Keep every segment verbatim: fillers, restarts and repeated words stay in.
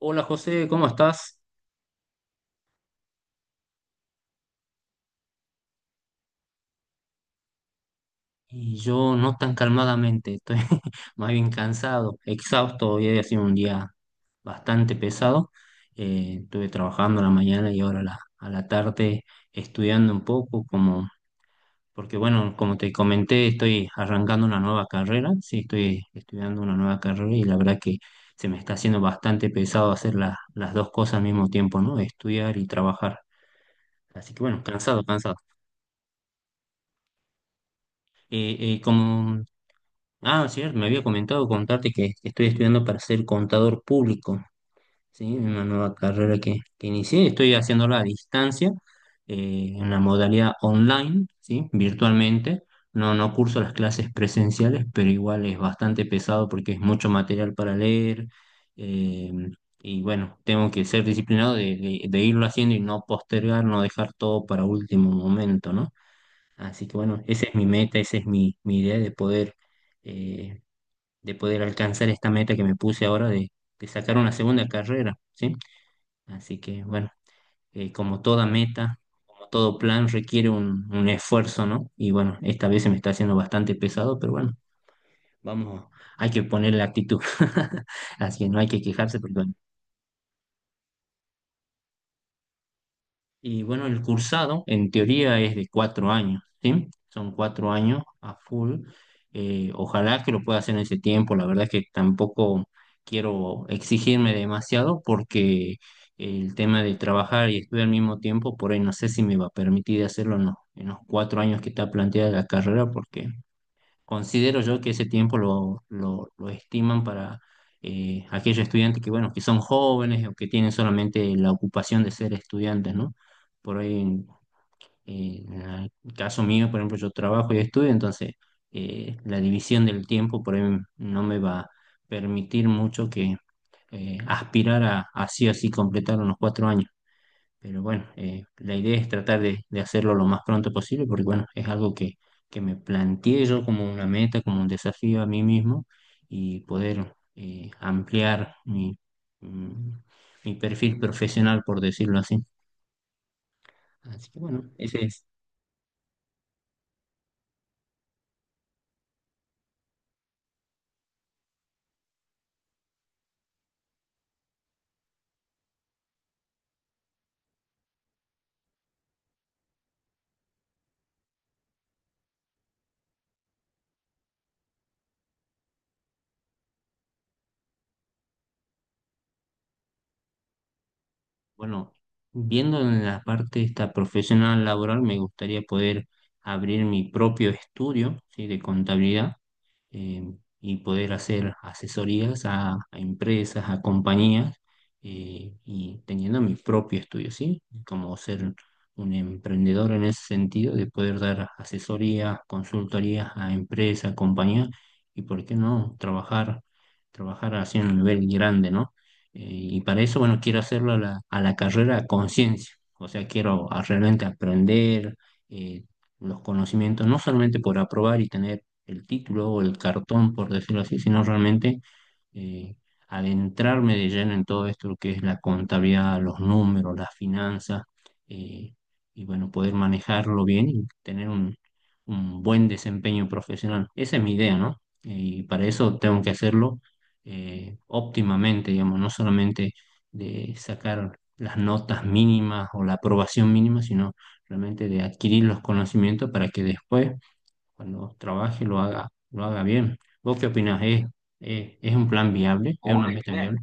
Hola José, ¿cómo estás? Y yo no tan calmadamente, estoy más bien cansado, exhausto. Hoy ha sido un día bastante pesado. Eh, estuve trabajando a la mañana y ahora a la, a la tarde estudiando un poco, como, porque bueno, como te comenté, estoy arrancando una nueva carrera. Sí, estoy estudiando una nueva carrera y la verdad que se me está haciendo bastante pesado hacer la- las dos cosas al mismo tiempo, ¿no? Estudiar y trabajar. Así que bueno, cansado, cansado. Eh, eh, como Ah, cierto, me había comentado contarte que estoy estudiando para ser contador público, ¿sí? Una nueva carrera que, que inicié, estoy haciéndola a distancia, eh, en la modalidad online, ¿sí? Virtualmente. No, no curso las clases presenciales, pero igual es bastante pesado porque es mucho material para leer. eh, y bueno, tengo que ser disciplinado de, de- de irlo haciendo y no postergar, no dejar todo para último momento, ¿no? Así que bueno, esa es mi meta, esa es mi, mi idea de poder... eh, de poder alcanzar esta meta que me puse ahora de, de sacar una segunda carrera, ¿sí? Así que bueno, eh, como toda meta, como todo plan requiere un, un esfuerzo, ¿no? Y bueno, esta vez se me está haciendo bastante pesado, pero bueno, vamos, hay que poner la actitud. Así que no hay que quejarse porque bueno. Y bueno, el cursado en teoría es de cuatro años, ¿sí? Son cuatro años a full. Eh, ojalá que lo pueda hacer en ese tiempo. La verdad es que tampoco quiero exigirme demasiado porque el tema de trabajar y estudiar al mismo tiempo, por ahí no sé si me va a permitir hacerlo en los, en los cuatro años que está planteada la carrera, porque considero yo que ese tiempo lo, lo- lo estiman para eh, aquellos estudiantes que, bueno, que son jóvenes o que tienen solamente la ocupación de ser estudiantes, ¿no? Por ahí, en, eh, en el caso mío, por ejemplo, yo trabajo y estudio, entonces eh, la división del tiempo por ahí no me va a permitir mucho que eh, aspirar a así o así completar unos cuatro años. Pero bueno, eh, la idea es tratar de, de hacerlo lo más pronto posible, porque bueno, es algo que, que me planteé yo como una meta, como un desafío a mí mismo y poder eh, ampliar mi, mm, mi perfil profesional, por decirlo así. Así que bueno, ese es. Bueno, viendo en la parte esta profesional laboral, me gustaría poder abrir mi propio estudio, ¿sí?, de contabilidad, eh, y poder hacer asesorías a, a empresas, a compañías, eh, y teniendo mi propio estudio, ¿sí? Como ser un emprendedor en ese sentido, de poder dar asesorías, consultorías a empresas, compañías y, ¿por qué no?, trabajar, trabajar así en un nivel grande, ¿no? Eh, y para eso, bueno, quiero hacerlo a la, a la carrera a conciencia. O sea, quiero a- realmente aprender eh, los conocimientos, no solamente por aprobar y tener el título o el cartón, por decirlo así, sino realmente eh, adentrarme de lleno en todo esto, lo que es la contabilidad, los números, las finanzas. eh, y bueno, poder manejarlo bien y tener un, un buen desempeño profesional. Esa es mi idea, ¿no? Y para eso tengo que hacerlo eh, óptimamente, digamos, no solamente de sacar las notas mínimas o la aprobación mínima, sino realmente de adquirir los conocimientos para que después cuando trabaje lo haga, lo haga bien. ¿Vos qué opinás? ¿Es, es, es un plan viable? ¿Es una meta viable?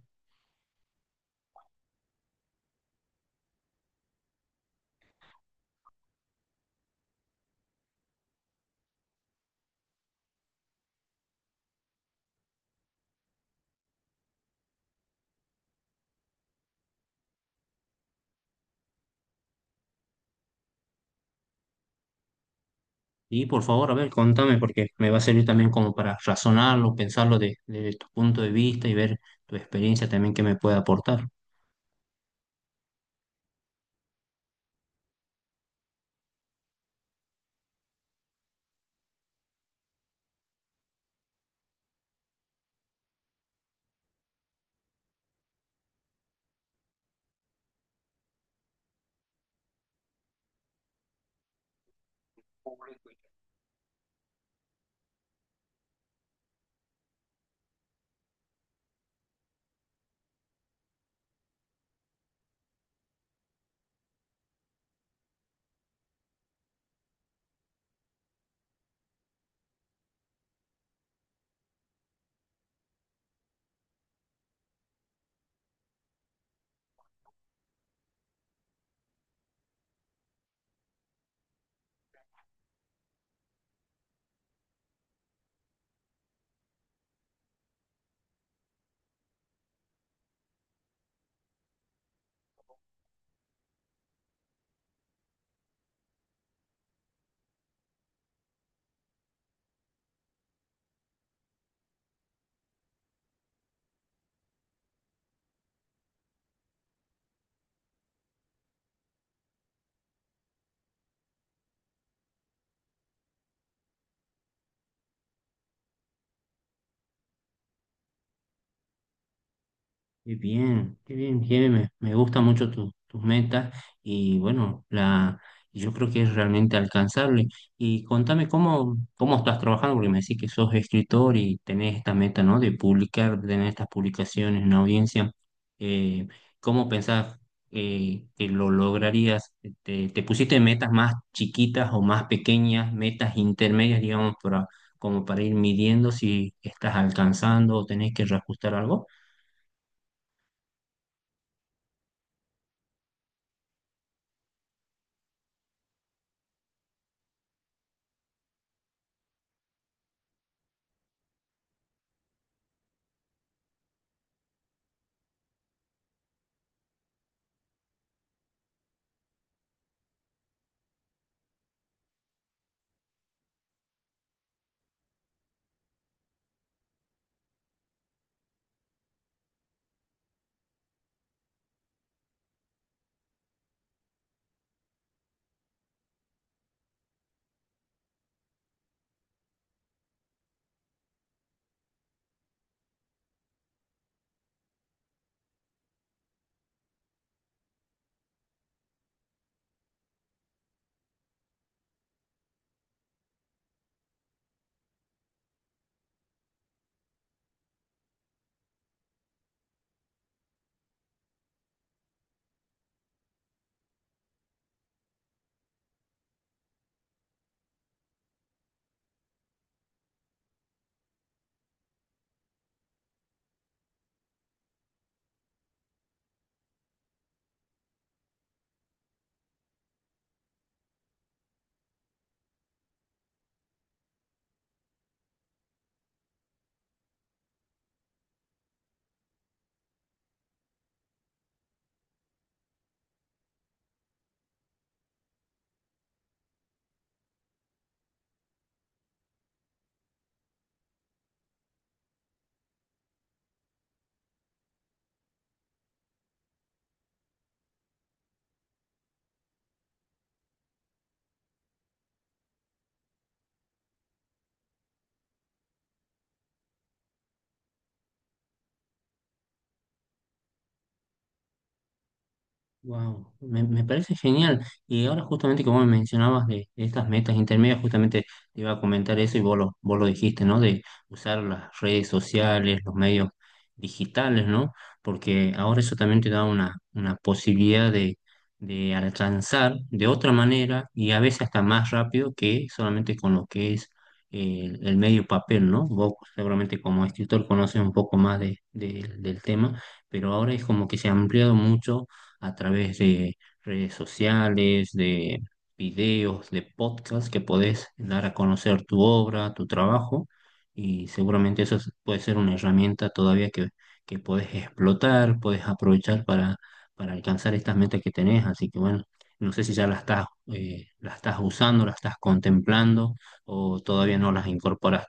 Y por favor, a ver, contame, porque me va a servir también como para razonarlo, pensarlo desde tu punto de vista y ver tu experiencia también que me puede aportar. Qué bien, qué bien, Jimé. Me, me gustan mucho tu- tus metas y bueno, la, yo creo que es realmente alcanzable. Y contame cómo, cómo estás trabajando, porque me decís que sos escritor y tenés esta meta, ¿no? De publicar, de tener estas publicaciones en audiencia. Eh, ¿Cómo pensás eh, que lo lograrías? ¿Te, te pusiste metas más chiquitas o más pequeñas, metas intermedias, digamos, para, como para ir midiendo si estás alcanzando o tenés que reajustar algo? Wow, me, me parece genial. Y ahora justamente como me mencionabas de estas metas intermedias, justamente te iba a comentar eso y vos lo, vos lo dijiste, ¿no? De usar las redes sociales, los medios digitales, ¿no? Porque ahora eso también te da una, una posibilidad de, de alcanzar de otra manera y a veces hasta más rápido que solamente con lo que es eh, el medio papel, ¿no? Vos seguramente como escritor conoces un poco más de, de- del tema, pero ahora es como que se ha ampliado mucho a través de redes sociales, de videos, de podcasts que podés dar a conocer tu obra, tu trabajo, y seguramente eso es- puede ser una herramienta todavía que, que podés explotar, podés aprovechar para, para alcanzar estas metas que tenés. Así que bueno, no sé si ya las estás, eh, las estás usando, las estás contemplando o todavía no las incorporas.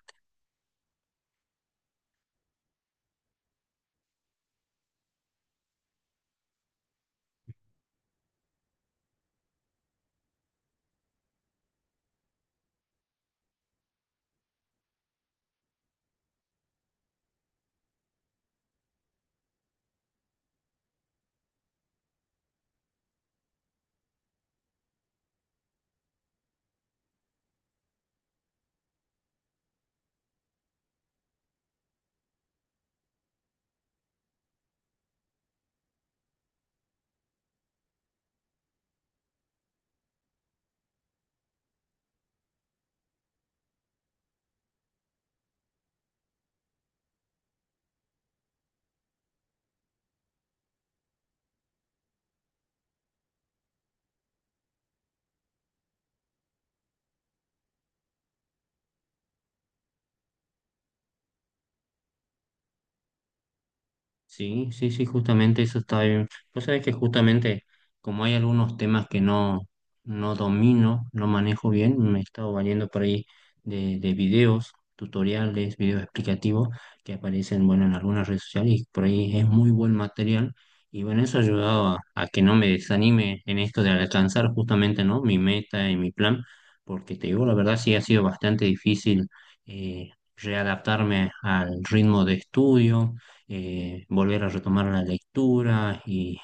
Sí, sí, sí, justamente eso está bien. Vos sabés que justamente como hay algunos temas que no, no domino, no manejo bien, me he estado valiendo por ahí de, de videos, tutoriales, videos explicativos que aparecen, bueno, en algunas redes sociales y por ahí es muy buen material. Y bueno, eso ha ayudado a, a que no me desanime en esto de alcanzar justamente, ¿no? Mi meta y mi plan, porque te digo, la verdad sí ha sido bastante difícil eh, readaptarme al ritmo de estudio, eh, volver a retomar la lectura y,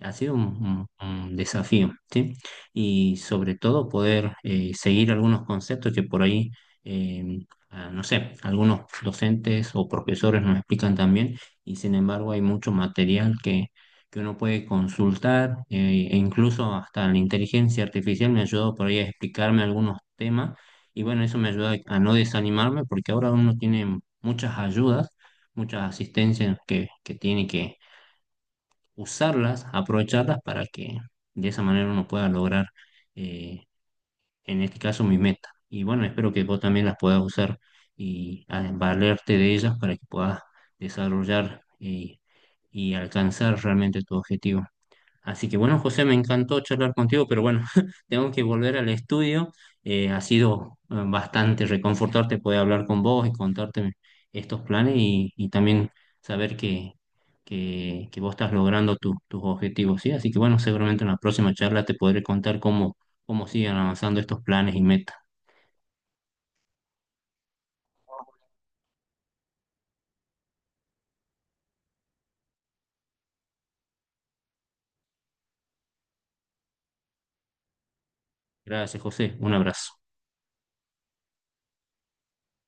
ha sido un, un- un desafío, ¿sí? Y sobre todo poder eh, seguir algunos conceptos que por ahí, eh, ah, no sé, algunos docentes o profesores nos explican también, y sin embargo hay mucho material que, que uno puede consultar. Eh, e incluso hasta la inteligencia artificial me ayudó por ahí a explicarme algunos temas, y bueno, eso me ayuda a no desanimarme porque ahora uno tiene muchas ayudas, muchas asistencias que, que tiene que usarlas, aprovecharlas para que de esa manera uno pueda lograr, eh, en este caso, mi meta. Y bueno, espero que vos también las puedas usar y ah, valerte de ellas para que puedas desarrollar y, y alcanzar realmente tu objetivo. Así que bueno, José, me encantó charlar contigo, pero bueno, tengo que volver al estudio. Eh, ha sido eh, bastante reconfortante poder hablar con vos y contarte estos planes y, y también saber que, que, que vos estás logrando tu- tus objetivos, ¿sí? Así que bueno, seguramente en la próxima charla te podré contar cómo, cómo siguen avanzando estos planes y metas. Gracias, José. Un abrazo.